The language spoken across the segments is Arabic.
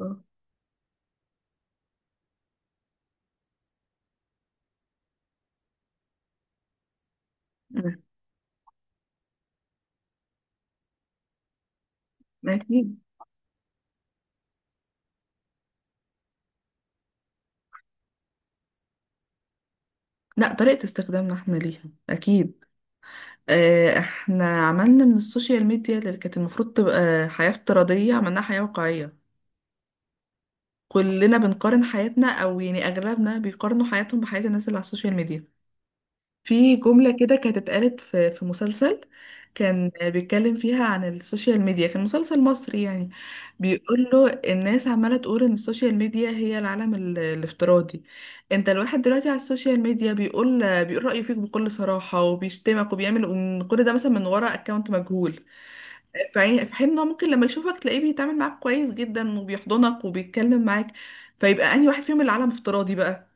آه، آه، أكيد. لا، طريقة استخدامنا احنا ليها. أكيد. احنا عملنا من السوشيال ميديا اللي كانت المفروض تبقى حياة افتراضية، عملناها حياة واقعية. كلنا بنقارن حياتنا، أو يعني أغلبنا بيقارنوا حياتهم بحياة الناس اللي على السوشيال ميديا. في جملة كده كانت اتقالت في مسلسل، كان بيتكلم فيها عن السوشيال ميديا، كان مسلسل مصري يعني. بيقول له الناس عمالة تقول ان السوشيال ميديا هي العالم الافتراضي. انت الواحد دلوقتي على السوشيال ميديا بيقول رأيه فيك بكل صراحة، وبيشتمك وبيعمل، وإن كل ده مثلا من ورا اكونت مجهول. في حين ان هو ممكن لما يشوفك تلاقيه بيتعامل معاك كويس جدا، وبيحضنك وبيتكلم معاك. فيبقى انهي واحد فيهم العالم افتراضي بقى؟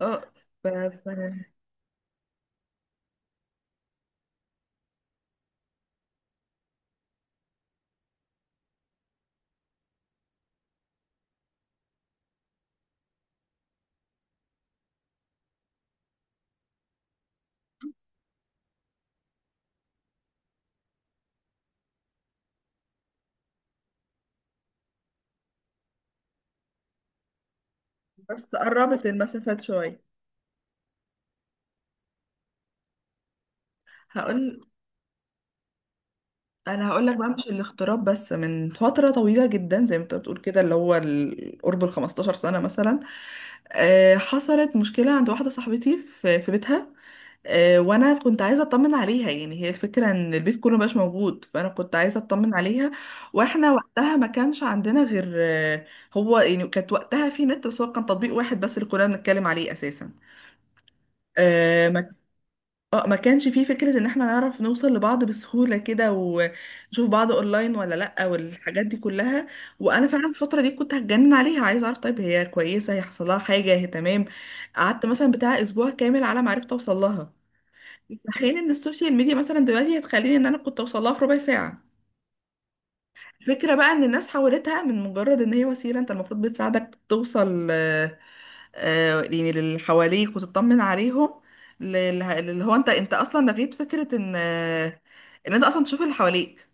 اه. ف... ف... بس قربت المسافات شوية. هقول انا هقول لك بقى، مش الاغتراب بس، من فتره طويله جدا زي ما انت بتقول كده، اللي هو قرب ال 15 سنه مثلا. حصلت مشكله عند واحده صاحبتي في بيتها. وانا كنت عايزه اطمن عليها، يعني هي الفكره ان البيت كله مبقاش موجود، فانا كنت عايزه اطمن عليها. واحنا وقتها ما كانش عندنا غير هو، يعني كانت وقتها في نت، بس هو كان تطبيق واحد بس اللي كنا بنتكلم عليه اساسا. اه، ما كانش فيه فكرة ان احنا نعرف نوصل لبعض بسهولة كده، ونشوف بعض اونلاين ولا لأ، والحاجات دي كلها. وانا فعلا الفترة دي كنت هتجنن عليها، عايزة اعرف طيب هي كويسة، هيحصل لها حاجة، هي تمام. قعدت مثلا بتاع اسبوع كامل على ما عرفت اوصل لها. في حين ان السوشيال ميديا مثلا دلوقتي هتخليني ان انا كنت اوصل لها في ربع ساعة. الفكرة بقى ان الناس حولتها من مجرد ان هي وسيلة انت المفروض بتساعدك توصل، يعني اللي حواليك وتطمن عليهم، اللي هو انت اصلا لغيت فكرة ان ان انت اصلا تشوف اللي حواليك.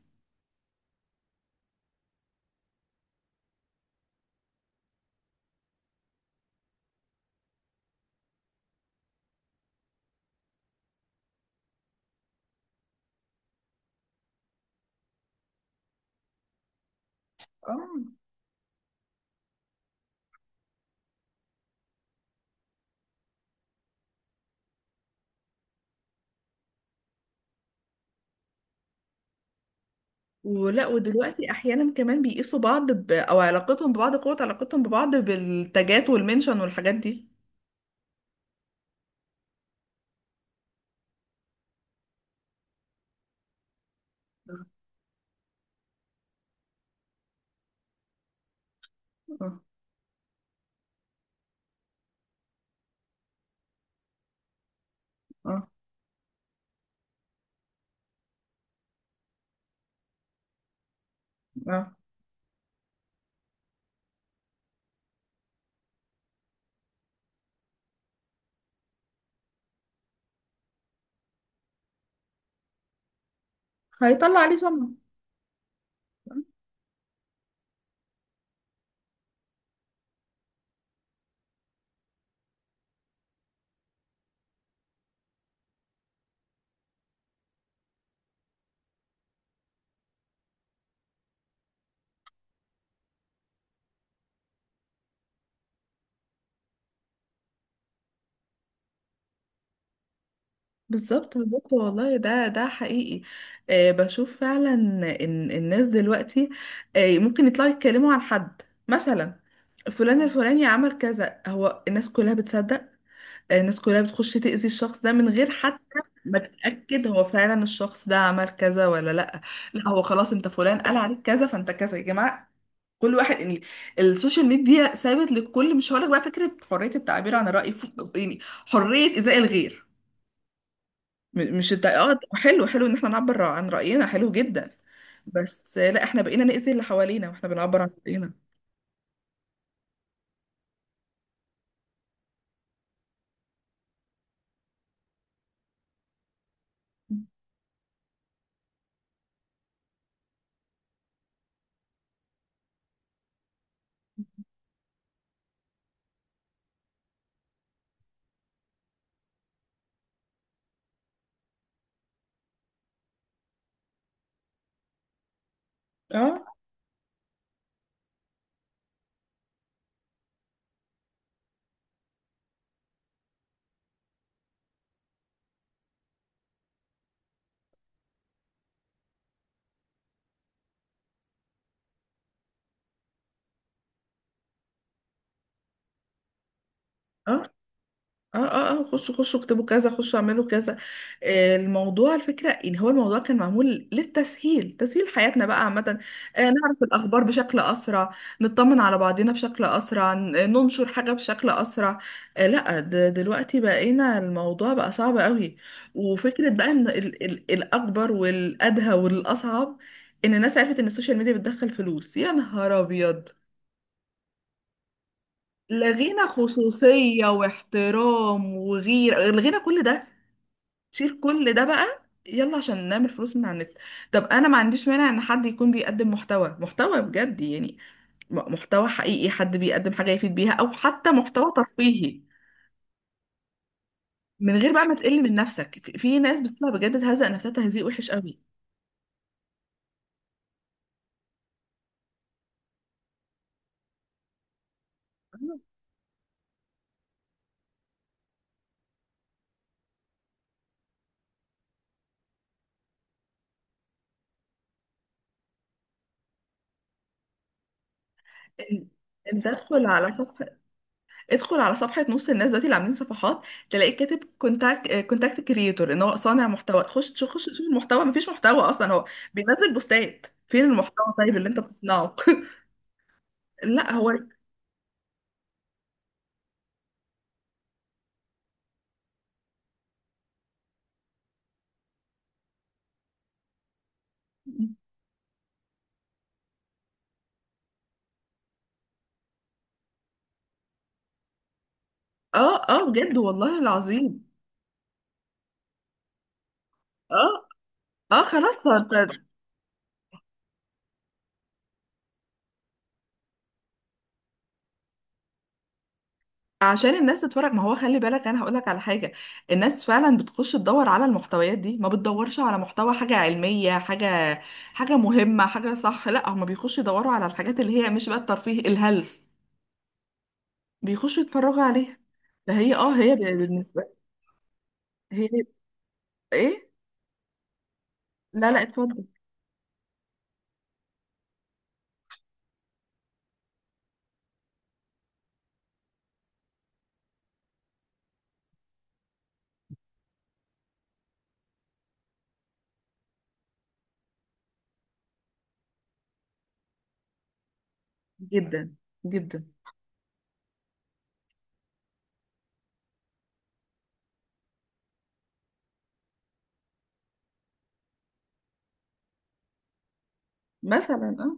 اه. ولا، ودلوقتي احيانا كمان بيقيسوا بعض او علاقتهم ببعض، قوة علاقتهم ببعض بالتاجات والمنشن والحاجات دي. اه اه اه هيطلع عليه شمع. بالظبط، بالظبط، والله ده حقيقي. آه، بشوف فعلا ان الناس دلوقتي آه، ممكن يطلعوا يتكلموا عن حد مثلا، فلان الفلاني عمل كذا، هو الناس كلها بتصدق. الناس كلها بتخش تأذي الشخص ده من غير حتى ما تتأكد هو فعلا الشخص ده عمل كذا ولا لا. لا هو خلاص، انت فلان قال عليك كذا فانت كذا يا جماعة. كل واحد يعني. السوشيال ميديا سابت للكل، مش هقولك بقى فكرة حرية التعبير عن الرأي، يعني حرية إيذاء الغير. مش حلو ان احنا نعبر عن رأينا، حلو جدا. بس لا، احنا بقينا نأذي اللي حوالينا واحنا بنعبر عن رأينا. اه اه اه، اه اه، خشوا اكتبوا كذا، خشوا اعملوا كذا. الموضوع، الفكرة ان هو الموضوع كان معمول للتسهيل، تسهيل حياتنا بقى عامة. نعرف الاخبار بشكل اسرع، نطمن على بعضنا بشكل اسرع، ننشر حاجة بشكل اسرع. لا، دلوقتي بقينا الموضوع بقى صعب قوي. وفكرة بقى ان الاكبر والادهى والاصعب، ان الناس عرفت ان السوشيال ميديا بتدخل فلوس. يا نهار ابيض، لغينا خصوصية واحترام وغيرة، لغينا كل ده. شيل كل ده بقى، يلا عشان نعمل فلوس من على النت. طب انا ما عنديش مانع ان حد يكون بيقدم محتوى بجد يعني، محتوى حقيقي، حد بيقدم حاجة يفيد بيها، او حتى محتوى ترفيهي. من غير بقى ما تقل من نفسك، في ناس بتطلع بجد تهزق نفسها تهزيق وحش قوي. إن- انت ادخل على صفحة، ادخل على صفحة نص الناس دلوقتي اللي عاملين صفحات، تلاقيك كاتب كونتاكت كريتور، ان هو صانع محتوى. خش تشوف المحتوى، مفيش محتوى اصلا. هو بينزل بوستات، فين المحتوى طيب اللي انت بتصنعه؟ لا هو، اه اه بجد والله العظيم. اه اه، خلاص. طب، عشان الناس تتفرج. ما هو خلي بالك، انا هقول لك على حاجه، الناس فعلا بتخش تدور على المحتويات دي، ما بتدورش على محتوى، حاجه علميه، حاجه، حاجه مهمه، حاجه صح. لا، هم بيخشوا يدوروا على الحاجات اللي هي مش بقى الترفيه الهلس، بيخشوا يتفرجوا عليها. فهي اه، هي بالنسبه، هي ايه؟ لا لا، اتفضل. جدا، جدا. مثلا. اه.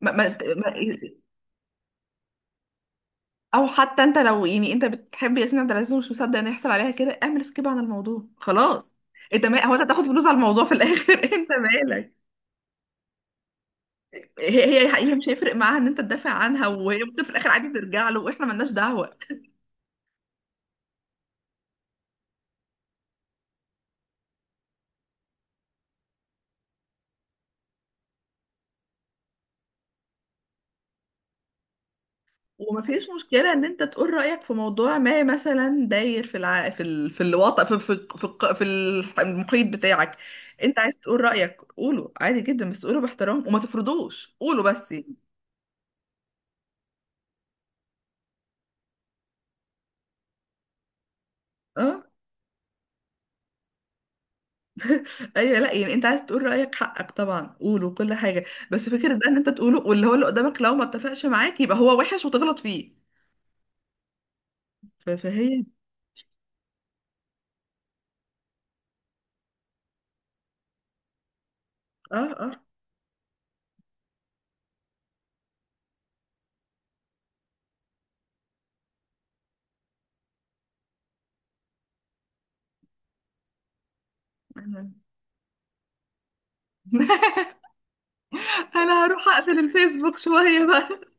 ما ما ما- او حتى انت لو، يعني انت بتحب ياسمين عبد العزيز ومش مصدق ان يحصل عليها كده، اعمل سكيب عن الموضوع خلاص. انت ما هو انت هتاخد فلوس على الموضوع في الاخر. انت مالك؟ هي مش هيفرق معاها ان انت تدافع عنها، وهي ممكن في الاخر عادي ترجع له واحنا ملناش دعوه. ومفيش مشكله ان انت تقول رايك في موضوع ما، مثلا داير في الوطن، في المحيط بتاعك. انت عايز تقول رايك، قوله عادي جدا، بس قوله باحترام وما تفرضوش قوله بس. اه، ايوه، لا، يعني انت عايز تقول رايك حقك طبعا، قوله كل حاجه. بس فكره بقى ان انت تقوله، واللي هو اللي قدامك لو ما اتفقش معاك يبقى هو وحش وتغلط فيه. فهي اه. اه. انا انا هروح اقفل الفيسبوك شويه بقى.